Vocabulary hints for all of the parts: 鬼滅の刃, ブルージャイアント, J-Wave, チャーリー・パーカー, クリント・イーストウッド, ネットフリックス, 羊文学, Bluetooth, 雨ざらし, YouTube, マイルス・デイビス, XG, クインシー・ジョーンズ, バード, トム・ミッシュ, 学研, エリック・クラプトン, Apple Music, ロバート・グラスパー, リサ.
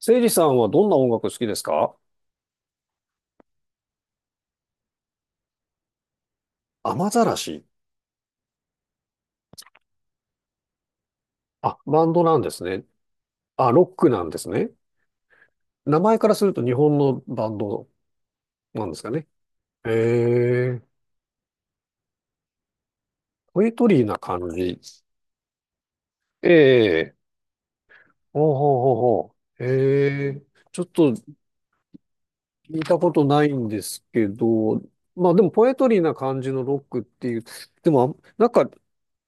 せいじさんはどんな音楽好きですか？雨ざらし。あ、バンドなんですね。あ、ロックなんですね。名前からすると日本のバンドなんですかね。へえ。ポエトリーな感じ。ええ、ほうほうほうほう。ええ、ちょっと聞いたことないんですけど、まあでもポエトリーな感じのロックっていう、でもなんか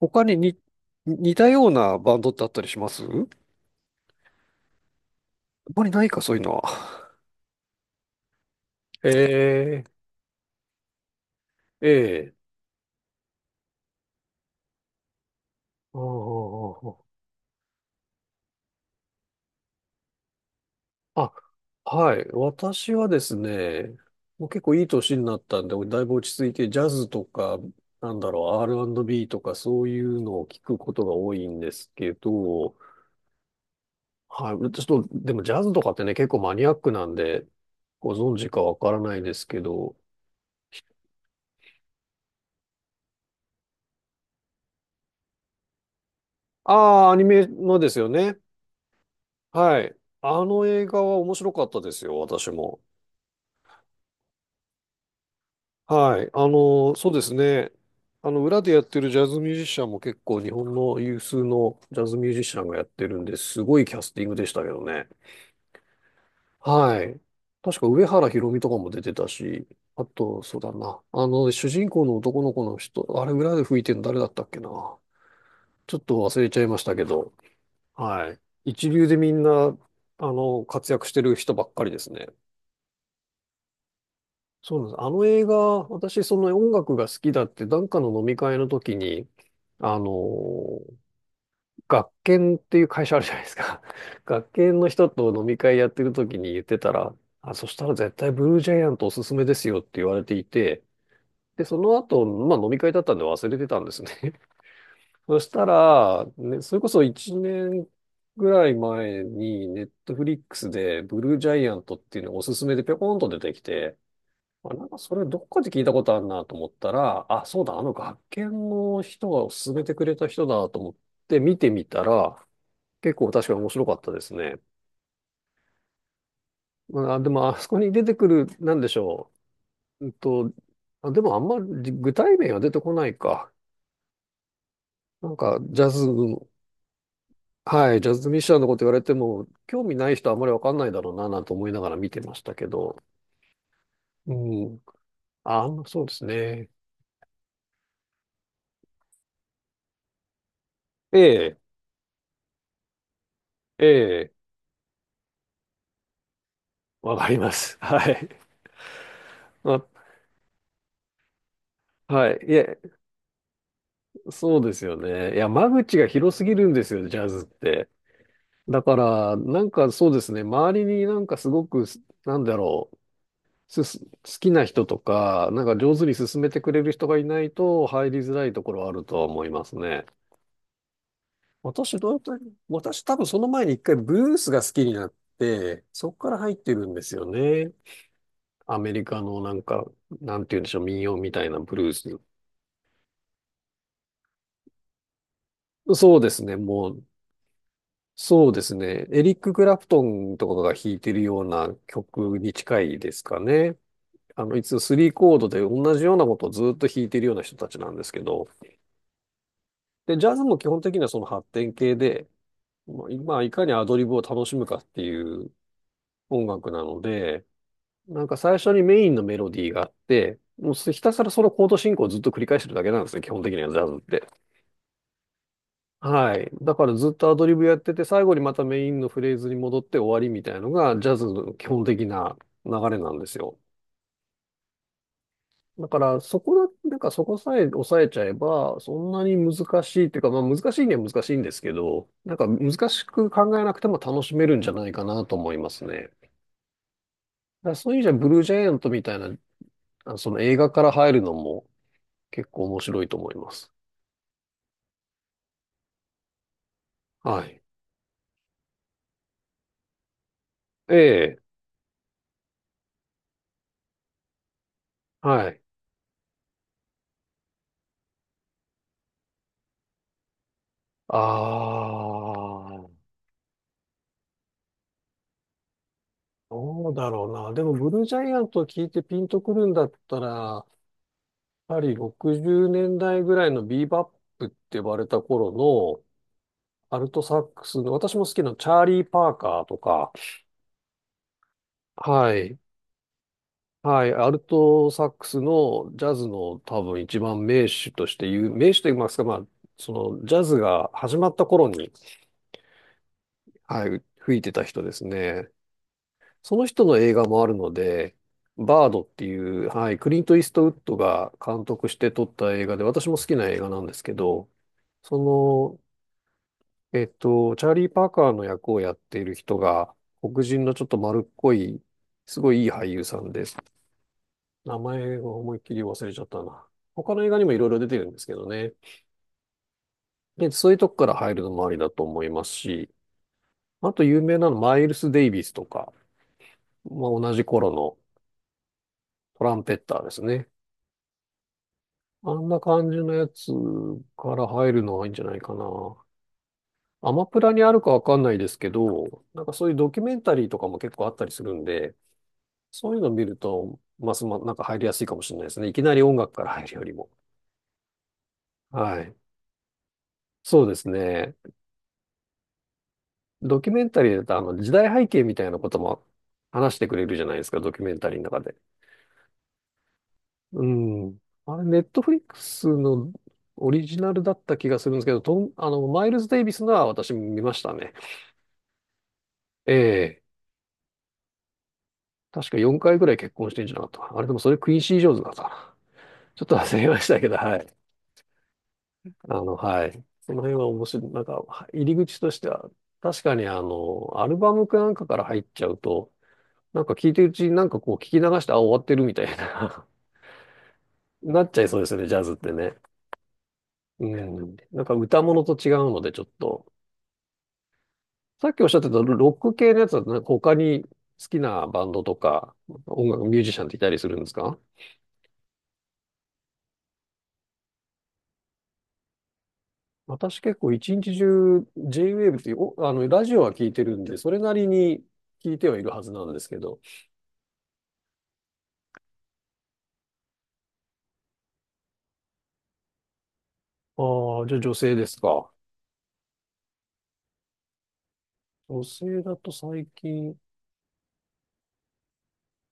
他に似たようなバンドってあったりします？あんまりないか、そういうのは。ええええ、ああ、あああ、はい。私はですね、もう結構いい年になったんで、だいぶ落ち着いて、ジャズとか、なんだろう、R&B とかそういうのを聞くことが多いんですけど、はい。ちょっと、でもジャズとかってね、結構マニアックなんで、ご存知かわからないですけど、ああ、アニメのですよね。はい。あの映画は面白かったですよ、私も。はい。あの、そうですね。あの、裏でやってるジャズミュージシャンも結構日本の有数のジャズミュージシャンがやってるんで、すごいキャスティングでしたけどね。はい。確か上原ひろみとかも出てたし、あと、そうだな。あの、主人公の男の子の人、あれ裏で吹いてるの誰だったっけな。ちょっと忘れちゃいましたけど、はい。一流でみんな、あの、活躍してる人ばっかりですね。そうなんです。あの映画、私、その音楽が好きだって、なんかの飲み会の時に、あのー、学研っていう会社あるじゃないですか。学研の人と飲み会やってる時に言ってたら、あ、そしたら絶対ブルージャイアントおすすめですよって言われていて、で、その後、まあ飲み会だったんで忘れてたんですね。そしたら、ね、それこそ1年ぐらい前に、ネットフリックスでブルージャイアントっていうのがおすすめでぴょこんと出てきて、あ、なんかそれどっかで聞いたことあるなと思ったら、あ、そうだ、あの学研の人が勧めてくれた人だと思って見てみたら、結構確かに面白かったですね。まあ、でもあそこに出てくる、なんでしょう。あ、でもあんまり具体名は出てこないか。なんかジャズ、はい、ジャズミッシャーのこと言われても、興味ない人はあんまりわかんないだろうな、なんて思いながら見てましたけど。うん。あ、そうですね。ええ、ええ、わかります。はい。まあ、はい。いえ、そうですよね。いや、間口が広すぎるんですよ、ジャズって。だから、なんかそうですね、周りになんかすごく、なんだろう、好きな人とか、なんか上手に進めてくれる人がいないと入りづらいところはあるとは思いますね。私、どうやった私、多分その前に一回ブルースが好きになって、そこから入ってるんですよね。アメリカのなんか、なんて言うんでしょう、民謡みたいなブルース。そうですね、もうそうですね。エリック・クラプトンとかが弾いてるような曲に近いですかね。あの、いつ3コードで同じようなことをずっと弾いてるような人たちなんですけど、で、ジャズも基本的にはその発展系で、まあ、いまあいかにアドリブを楽しむかっていう音楽なので、なんか最初にメインのメロディーがあって、もうひたすらそのコード進行をずっと繰り返してるだけなんですね、基本的にはジャズって。はい。だからずっとアドリブやってて、最後にまたメインのフレーズに戻って終わりみたいなのが、ジャズの基本的な流れなんですよ。だから、そこだ、なんかそこさえ抑えちゃえば、そんなに難しいっていうか、まあ難しいには難しいんですけど、なんか難しく考えなくても楽しめるんじゃないかなと思いますね。だからそういう意味じゃ、ブルージャイアントみたいな、あ、その映画から入るのも結構面白いと思います。はい。ええ、はい。ああ。どうだろうな。でも、ブルージャイアントを聞いてピンとくるんだったら、やはり60年代ぐらいのビーバップって呼ばれた頃のアルトサックスの、私も好きなチャーリー・パーカーとか、はい。はい。アルトサックスのジャズの多分一番名手として言う、名手と言いますか、まあ、そのジャズが始まった頃に、はい、吹いてた人ですね。その人の映画もあるので、バードっていう、はい、クリント・イーストウッドが監督して撮った映画で、私も好きな映画なんですけど、その、チャーリー・パーカーの役をやっている人が、黒人のちょっと丸っこい、すごいいい俳優さんです。名前を思いっきり忘れちゃったな。他の映画にもいろいろ出てるんですけどね。で、そういうとこから入るのもありだと思いますし、あと有名なのマイルス・デイビスとか、まあ、同じ頃のトランペッターですね。あんな感じのやつから入るのはいいんじゃないかな。アマプラにあるかわかんないですけど、なんかそういうドキュメンタリーとかも結構あったりするんで、そういうの見ると、ますま、なんか入りやすいかもしれないですね。いきなり音楽から入るよりも。はい。そうですね。ドキュメンタリーだと、あの、時代背景みたいなことも話してくれるじゃないですか、ドキュメンタリーの中で。うん。あれ、ネットフリックスのオリジナルだった気がするんですけど、あの、マイルズ・デイビスのは私見ましたね。ええ、確か4回ぐらい結婚してんじゃなかったかな。あれでもそれクインシー・ジョーンズだったかな。ちょっと忘れましたけど、はい。あの、はい。その辺は面白い。なんか、入り口としては、確かにあの、アルバムかなんかから入っちゃうと、なんか聞いてるうちになんかこう聞き流して、あ、終わってるみたいな なっちゃいそうですよね、ジャズってね。うん。なんか歌物と違うので、ちょっと。さっきおっしゃってたロック系のやつは、なんか他に好きなバンドとか、音楽、ミュージシャンっていたりするんですか？私結構一日中 J-Wave っていうあの、ラジオは聞いてるんで、それなりに聞いてはいるはずなんですけど。ああ、じゃあ女性ですか？女性だと最近、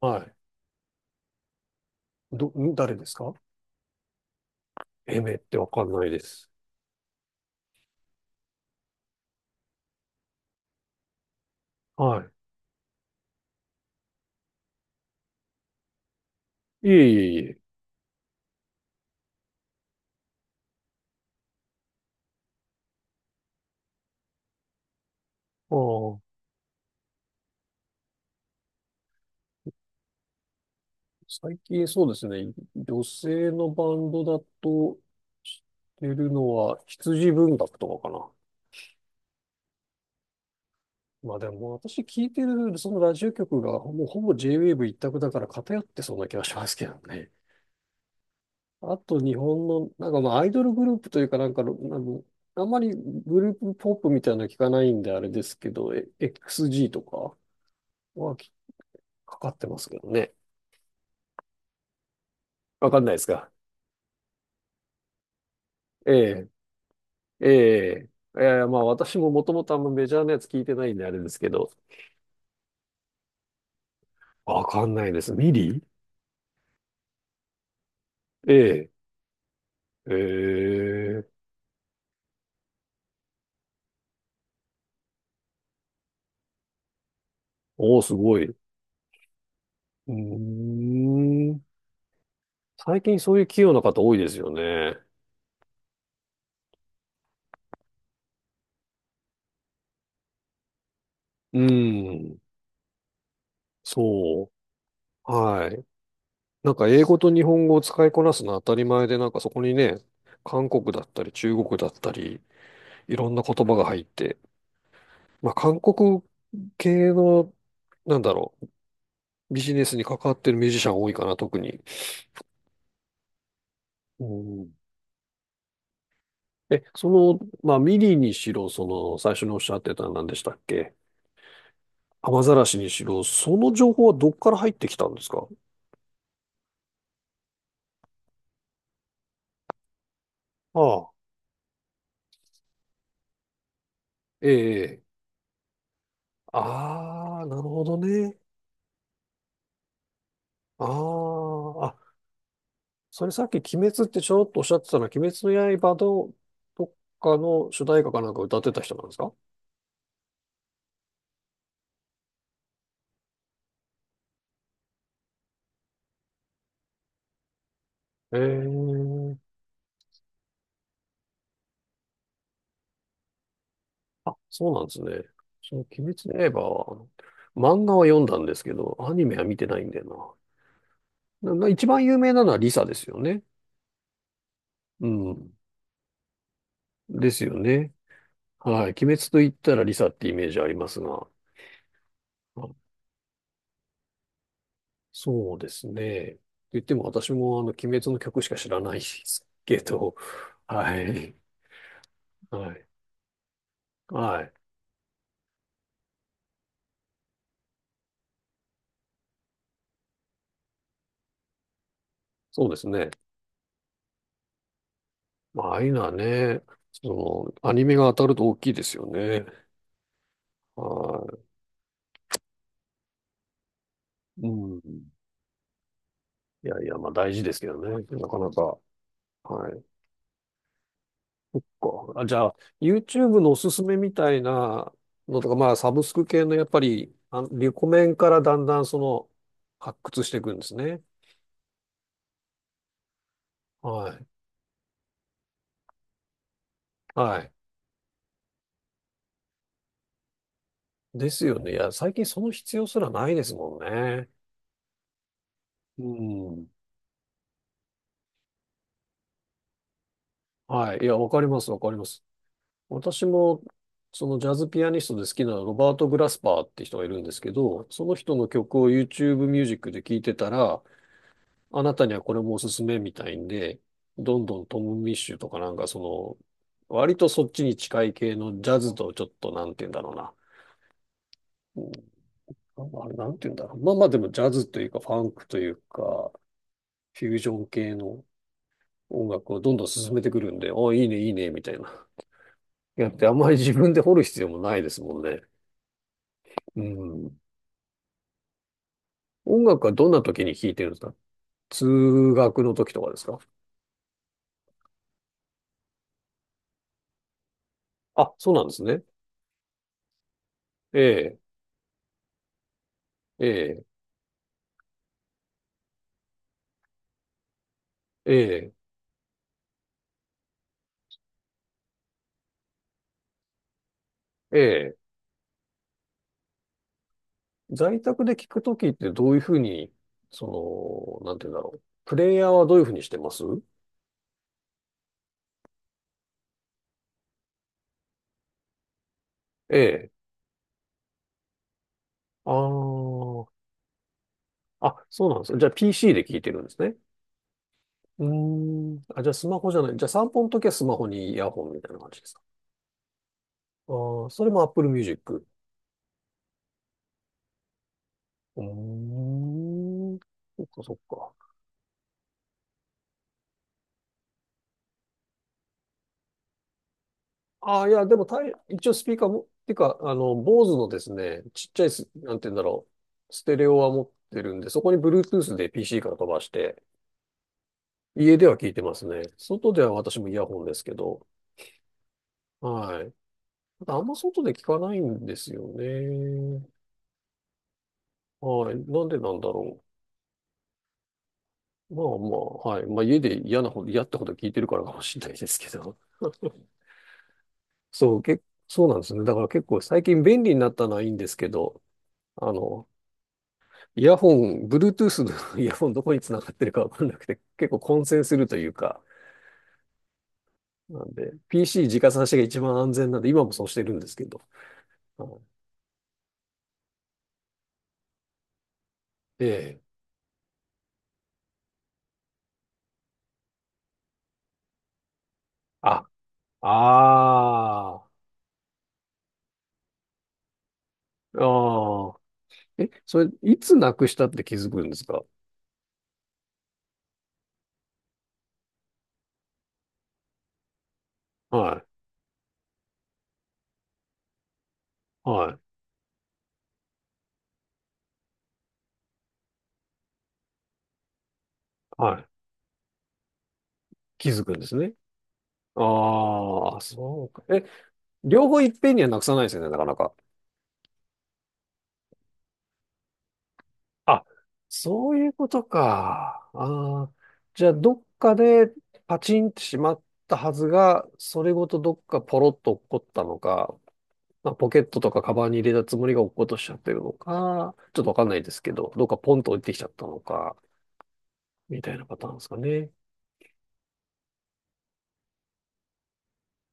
はい。誰ですか？エメってわかんないです。はい。いえいえいえ。ああ、最近そうですね。女性のバンドだと知ってるのは羊文学とかかな。まあでも私聞いてるそのラジオ局がもうほぼ J-Wave 一択だから偏ってそうな気がしますけどね。あと日本のなんかまあアイドルグループというかなんかあの、あんまりグループポップみたいなの聞かないんであれですけど、XG とかはきかかってますけどね。わかんないですか。ええ、ええ、ええ、まあ私ももともとあんまメジャーなやつ聞いてないんであれですけど、わかんないです。ミリ、ええ、ええ、おーすごい。うーん。最近そういう器用な方多いですよね。うん。そう。はい。なんか英語と日本語を使いこなすのは当たり前で、なんかそこにね、韓国だったり中国だったり、いろんな言葉が入って、まあ韓国系の、なんだろう、ビジネスに関わってるミュージシャン多いかな、特に。うん。その、まあミリにしろ、その、最初におっしゃってた何でしたっけ？雨ざらしにしろ、その情報はどっから入ってきたんですか？ああ。ええ。ああ、なるほどね。ああ、あ、それさっき鬼滅ってちょろっとおっしゃってたのは、鬼滅の刃のどっかの主題歌かなんか歌ってた人なんですか？ええ、あ、そうなんですね。その鬼滅の刃は、あの漫画は読んだんですけど、アニメは見てないんだよな。一番有名なのはリサですよね。うん。ですよね。はい。鬼滅と言ったらリサってイメージありますが。そうですね。と言っても私も鬼滅の曲しか知らないですけど、はい。はい。はい。そうですね。まあ、ああいうのはね、その、アニメが当たると大きいですよね。はい。うん。いやいや、まあ大事ですけどね。なかなか。はい。じゃあ、YouTube のおすすめみたいなのとか、まあ、サブスク系のやっぱり、あ、リコメンからだんだんその、発掘していくんですね。はい。はい。ですよね。いや、最近その必要すらないですもんね。うん。はい。いや、わかります、わかります。私も、そのジャズピアニストで好きなロバート・グラスパーって人がいるんですけど、その人の曲を YouTube ミュージックで聴いてたら、あなたにはこれもおすすめみたいんで、どんどんトム・ミッシュとかなんかその、割とそっちに近い系のジャズとちょっとなんて言うんだろうな。うん、あ、まあれ、なんて言うんだろう。まあまあでもジャズというかファンクというか、フュージョン系の音楽をどんどん進めてくるんで、あ、いいね、いいね、みたいな。やってあんまり自分で掘る必要もないですもんね。うん。音楽はどんな時に聴いてるんですか？通学の時とかですか？あ、そうなんですね。ええ、ええ、ええ、ええ。在宅で聴く時ってどういうふうに、その、なんて言うんだろう。プレイヤーはどういうふうにしてます？ええ。ああ。あ、そうなんですね。じゃあ PC で聴いてるんですね。うーん。あ、じゃあスマホじゃない。じゃあ散歩の時はスマホにイヤホンみたいな感じですか？ああ、それも Apple Music。うーん。そっかそっか。ああ、いや、でも一応スピーカーも、てか、あの、坊主のですね、ちっちゃいす、なんて言うんだろう、ステレオは持ってるんで、そこに Bluetooth で PC から飛ばして、家では聞いてますね。外では私もイヤホンですけど、はい。ただあんま外で聞かないんですよね。はい。なんでなんだろう。まあまあ、はい。まあ家で嫌ってほど聞いてるからかもしれないですけど。そう、け、そうなんですね。だから結構最近便利になったのはいいんですけど、あの、イヤホン、Bluetooth の イヤホンどこにつながってるかわかんなくて、結構混戦するというか、なんで、PC 直差しが一番安全なんで、今もそうしてるんですけど。はい。ええ。あ、ああ、ああ。え、それ、いつなくしたって気づくんですか？はい、はい、はい。気づくんですね。ああ、そうか。え、両方いっぺんにはなくさないですよね、なかなか。あ、そういうことか。じゃあ、どっかでパチンってしまったはずが、それごとどっかポロッと落っこったのか、まあ、ポケットとかカバンに入れたつもりが落っことしちゃってるのか、ちょっとわかんないですけど、どっかポンと落ちてきちゃったのか、みたいなパターンですかね。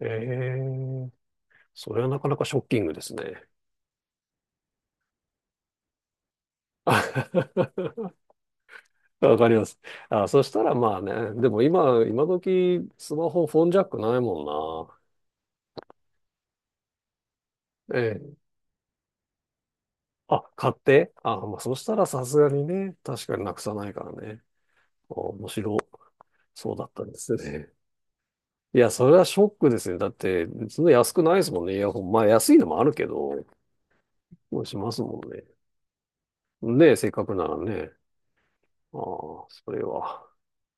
ええ、それはなかなかショッキングですね。わかります。あ、そしたらまあね、でも今時スマホフォンジャックないもんな。ええ、あ、買って、あ、まあ、そしたらさすがにね、確かになくさないからね。あ、面白そうだったんですね。いや、それはショックですね。だって、そんな安くないですもんね、イヤホン。まあ、安いのもあるけど、もうしますもんね。ねえ、せっかくならね。ああ、それは。